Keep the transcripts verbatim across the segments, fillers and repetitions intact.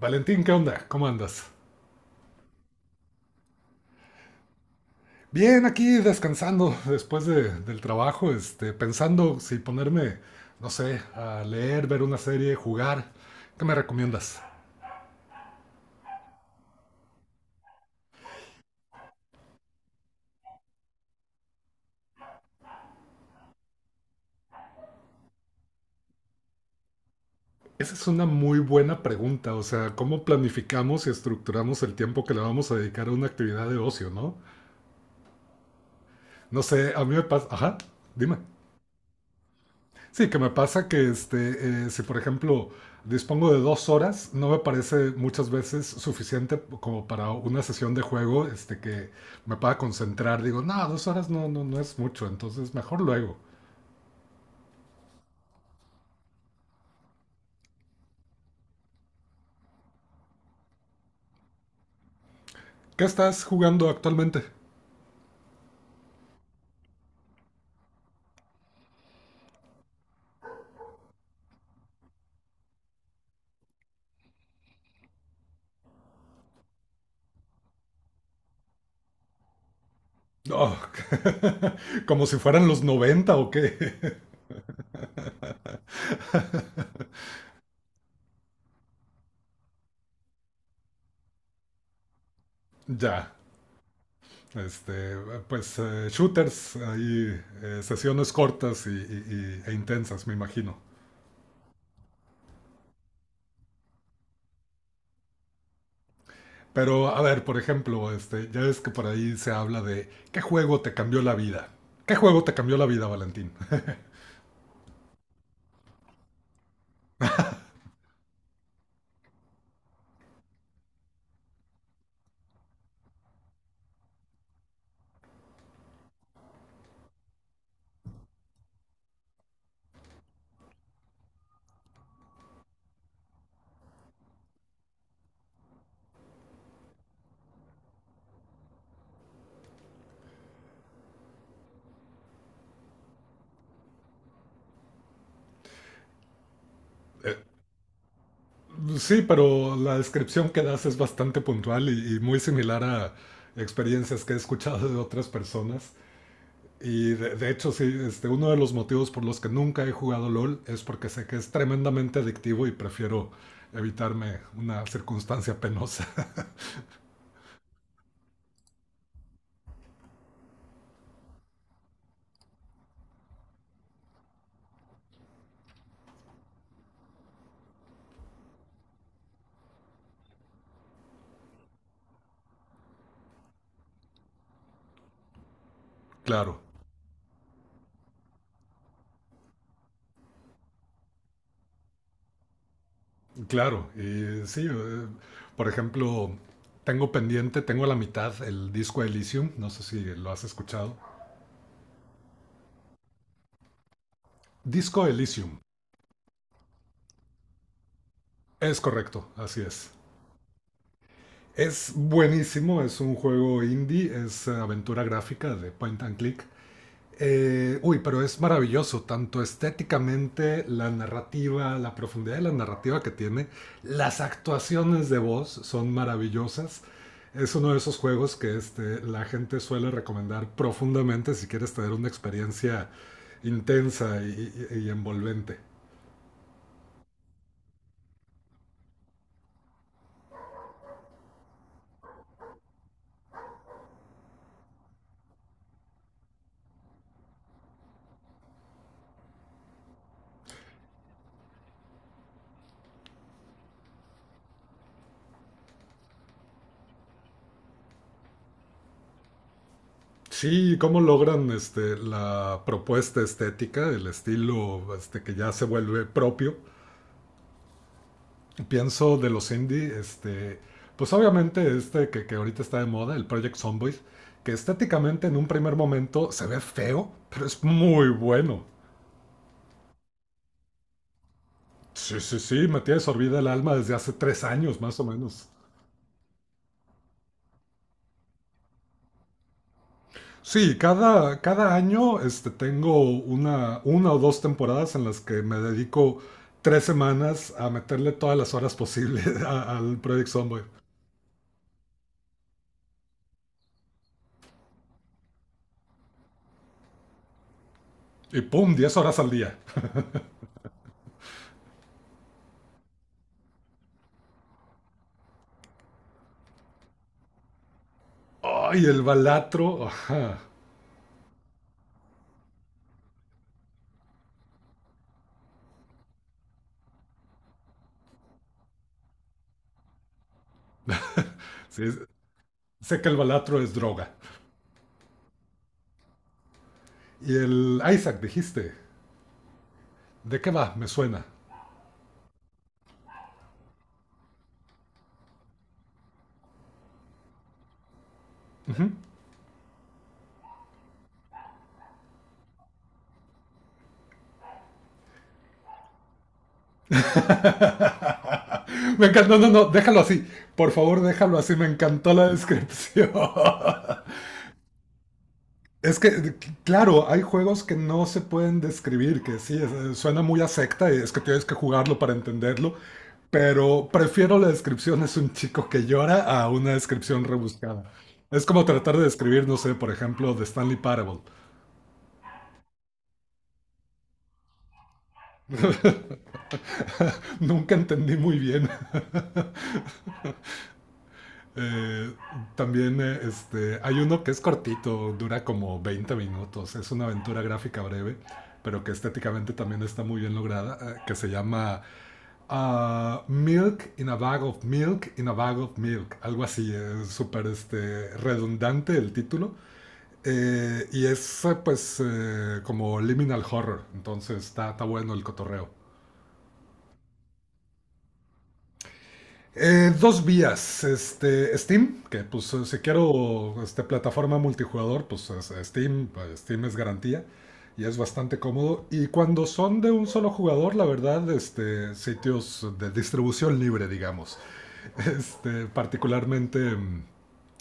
Valentín, ¿qué onda? ¿Cómo andas? Bien, aquí descansando después de- del trabajo, este, pensando si ponerme, no sé, a leer, ver una serie, jugar. ¿Qué me recomiendas? Esa es una muy buena pregunta, o sea, ¿cómo planificamos y estructuramos el tiempo que le vamos a dedicar a una actividad de ocio, no? No sé, a mí me pasa... Ajá, dime. Sí, que me pasa que este, eh, si por ejemplo dispongo de dos horas, no me parece muchas veces suficiente como para una sesión de juego este, que me pueda concentrar. Digo, no, dos horas no, no, no es mucho, entonces mejor luego. ¿Qué estás jugando actualmente? Oh, como si fueran los noventa o qué. Ya, este, pues eh, shooters, ahí, eh, sesiones cortas y- y- y- e intensas, me imagino. Pero, a ver, por ejemplo, este, ya ves que por ahí se habla de qué juego te cambió la vida. ¿Qué juego te cambió la vida, Valentín? Eh, sí, pero la descripción que das es bastante puntual y, y muy similar a experiencias que he escuchado de otras personas. Y de, de hecho, sí, este, uno de los motivos por los que nunca he jugado L O L es porque sé que es tremendamente adictivo y prefiero evitarme una circunstancia penosa. Claro. Claro, y sí, eh, por ejemplo, tengo pendiente, tengo a la mitad el Disco Elysium, no sé si lo has escuchado. Disco Elysium, es correcto, así es. Es buenísimo, es un juego indie, es eh, aventura gráfica de point and click. Eh, uy, pero es maravilloso, tanto estéticamente, la narrativa, la profundidad de la narrativa que tiene, las actuaciones de voz son maravillosas. Es uno de esos juegos que este, la gente suele recomendar profundamente si quieres tener una experiencia intensa y, y- y envolvente. Sí, cómo logran este, la propuesta estética, el estilo este, que ya se vuelve propio pienso de los indie, este, pues obviamente este que, que ahorita está de moda, el Project Zomboid, que estéticamente en un primer momento se ve feo, pero es muy bueno. Sí, sí, sí, me tiene sorbida el alma desde hace tres años más o menos. Sí, cada, cada año este, tengo una, una o dos temporadas en las que me dedico tres semanas a meterle todas las horas posibles a- al Project Zomboid. Y pum, diez horas al día. ¡Ay, el Balatro! Ajá. Sí, sé que el Balatro es droga. Y el Isaac, dijiste. ¿De qué va? Me suena. Me encanta. No, no, no, déjalo así. Por favor, déjalo así. Me encantó la descripción. Es que, claro, hay juegos que no se pueden describir, que sí, es- eh, suena muy a secta y es que tienes que jugarlo para entenderlo. Pero prefiero la descripción es un chico que llora a una descripción rebuscada. Es como tratar de describir, no sé, por ejemplo, de Stanley Parable. Nunca entendí muy bien. Eh, también eh, este, hay uno que es cortito, dura como veinte minutos, es una aventura gráfica breve, pero que estéticamente también está muy bien lograda, eh, que se llama ah, Milk in a Bag of Milk in a Bag of Milk, algo así, es súper este, redundante el título. Eh, y es eh, pues eh, como liminal horror, entonces está, está bueno el cotorreo. Eh, dos vías, este, Steam, que pues eh, si quiero este, plataforma multijugador, pues es- Steam, eh, Steam es garantía y es bastante cómodo. Y cuando son de un solo jugador, la verdad, este, sitios de distribución libre, digamos. Este, particularmente, mm,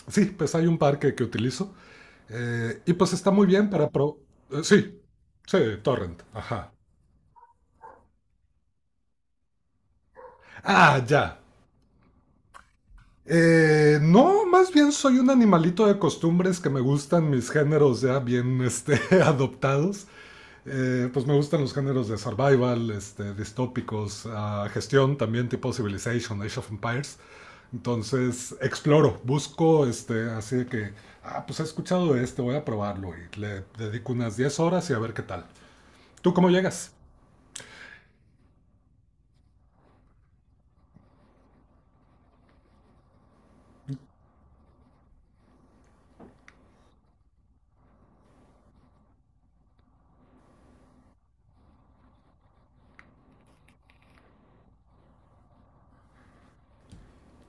sí, pues hay un par que, que utilizo. Eh, y pues está muy bien para... pro- eh, sí, sí, Torrent, ajá. Ah, ya. Eh, no, más bien soy un animalito de costumbres que me gustan mis géneros ya bien este, adoptados. Eh, pues me gustan los géneros de survival, este, distópicos, ah, gestión también tipo Civilization, Age of Empires. Entonces exploro, busco este, así de que, ah, pues he escuchado de este, voy a probarlo y le dedico unas diez horas y a ver qué tal. ¿Tú cómo llegas?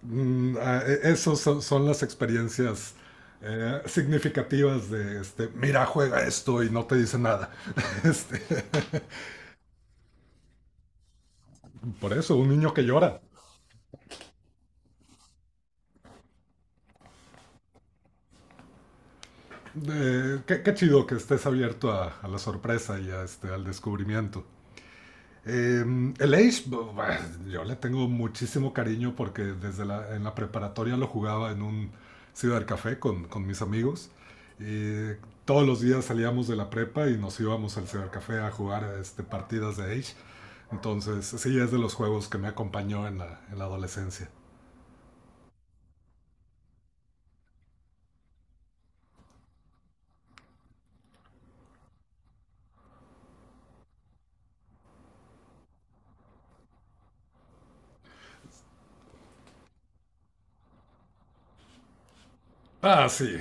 Mm, ah, e- esos son, son las experiencias eh, significativas de, este, mira, juega esto y no te dice nada. Este, por eso, un niño que llora. Eh, qué, qué chido que estés abierto a, a la sorpresa y a, este, al descubrimiento. Eh, el Age, bu- bu- yo le tengo muchísimo cariño porque desde la, en la preparatoria lo jugaba en un cibercafé con, con mis amigos. Y todos los días salíamos de la prepa y nos íbamos al cibercafé a jugar este, partidas de Age. Entonces, sí, es de los juegos que me acompañó en la, en la adolescencia. Ah, sí,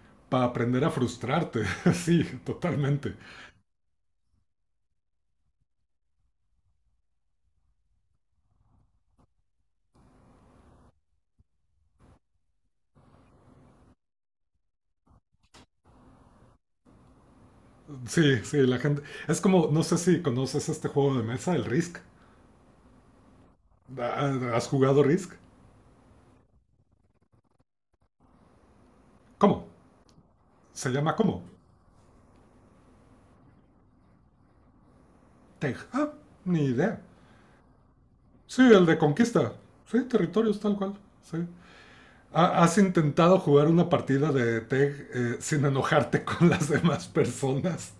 para aprender a frustrarte, sí, totalmente. Sí, sí, la gente... Es como, no sé si conoces este juego de mesa, el Risk. Ah, ¿has jugado Risk? ¿Cómo? ¿Se llama cómo? Tej. Ah, ni idea. Sí, el de conquista. Sí, territorios tal cual. Sí. ¿Has intentado jugar una partida de Tej eh, sin enojarte con las demás personas?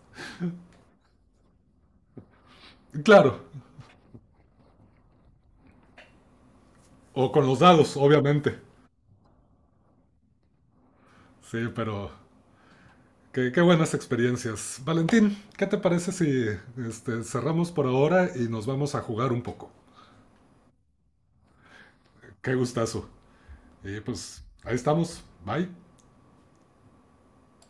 Claro. O con los dados, obviamente. Sí, pero qué, qué buenas experiencias. Valentín, ¿qué te parece si este, cerramos por ahora y nos vamos a jugar un poco? Qué gustazo. Y pues ahí estamos. Bye.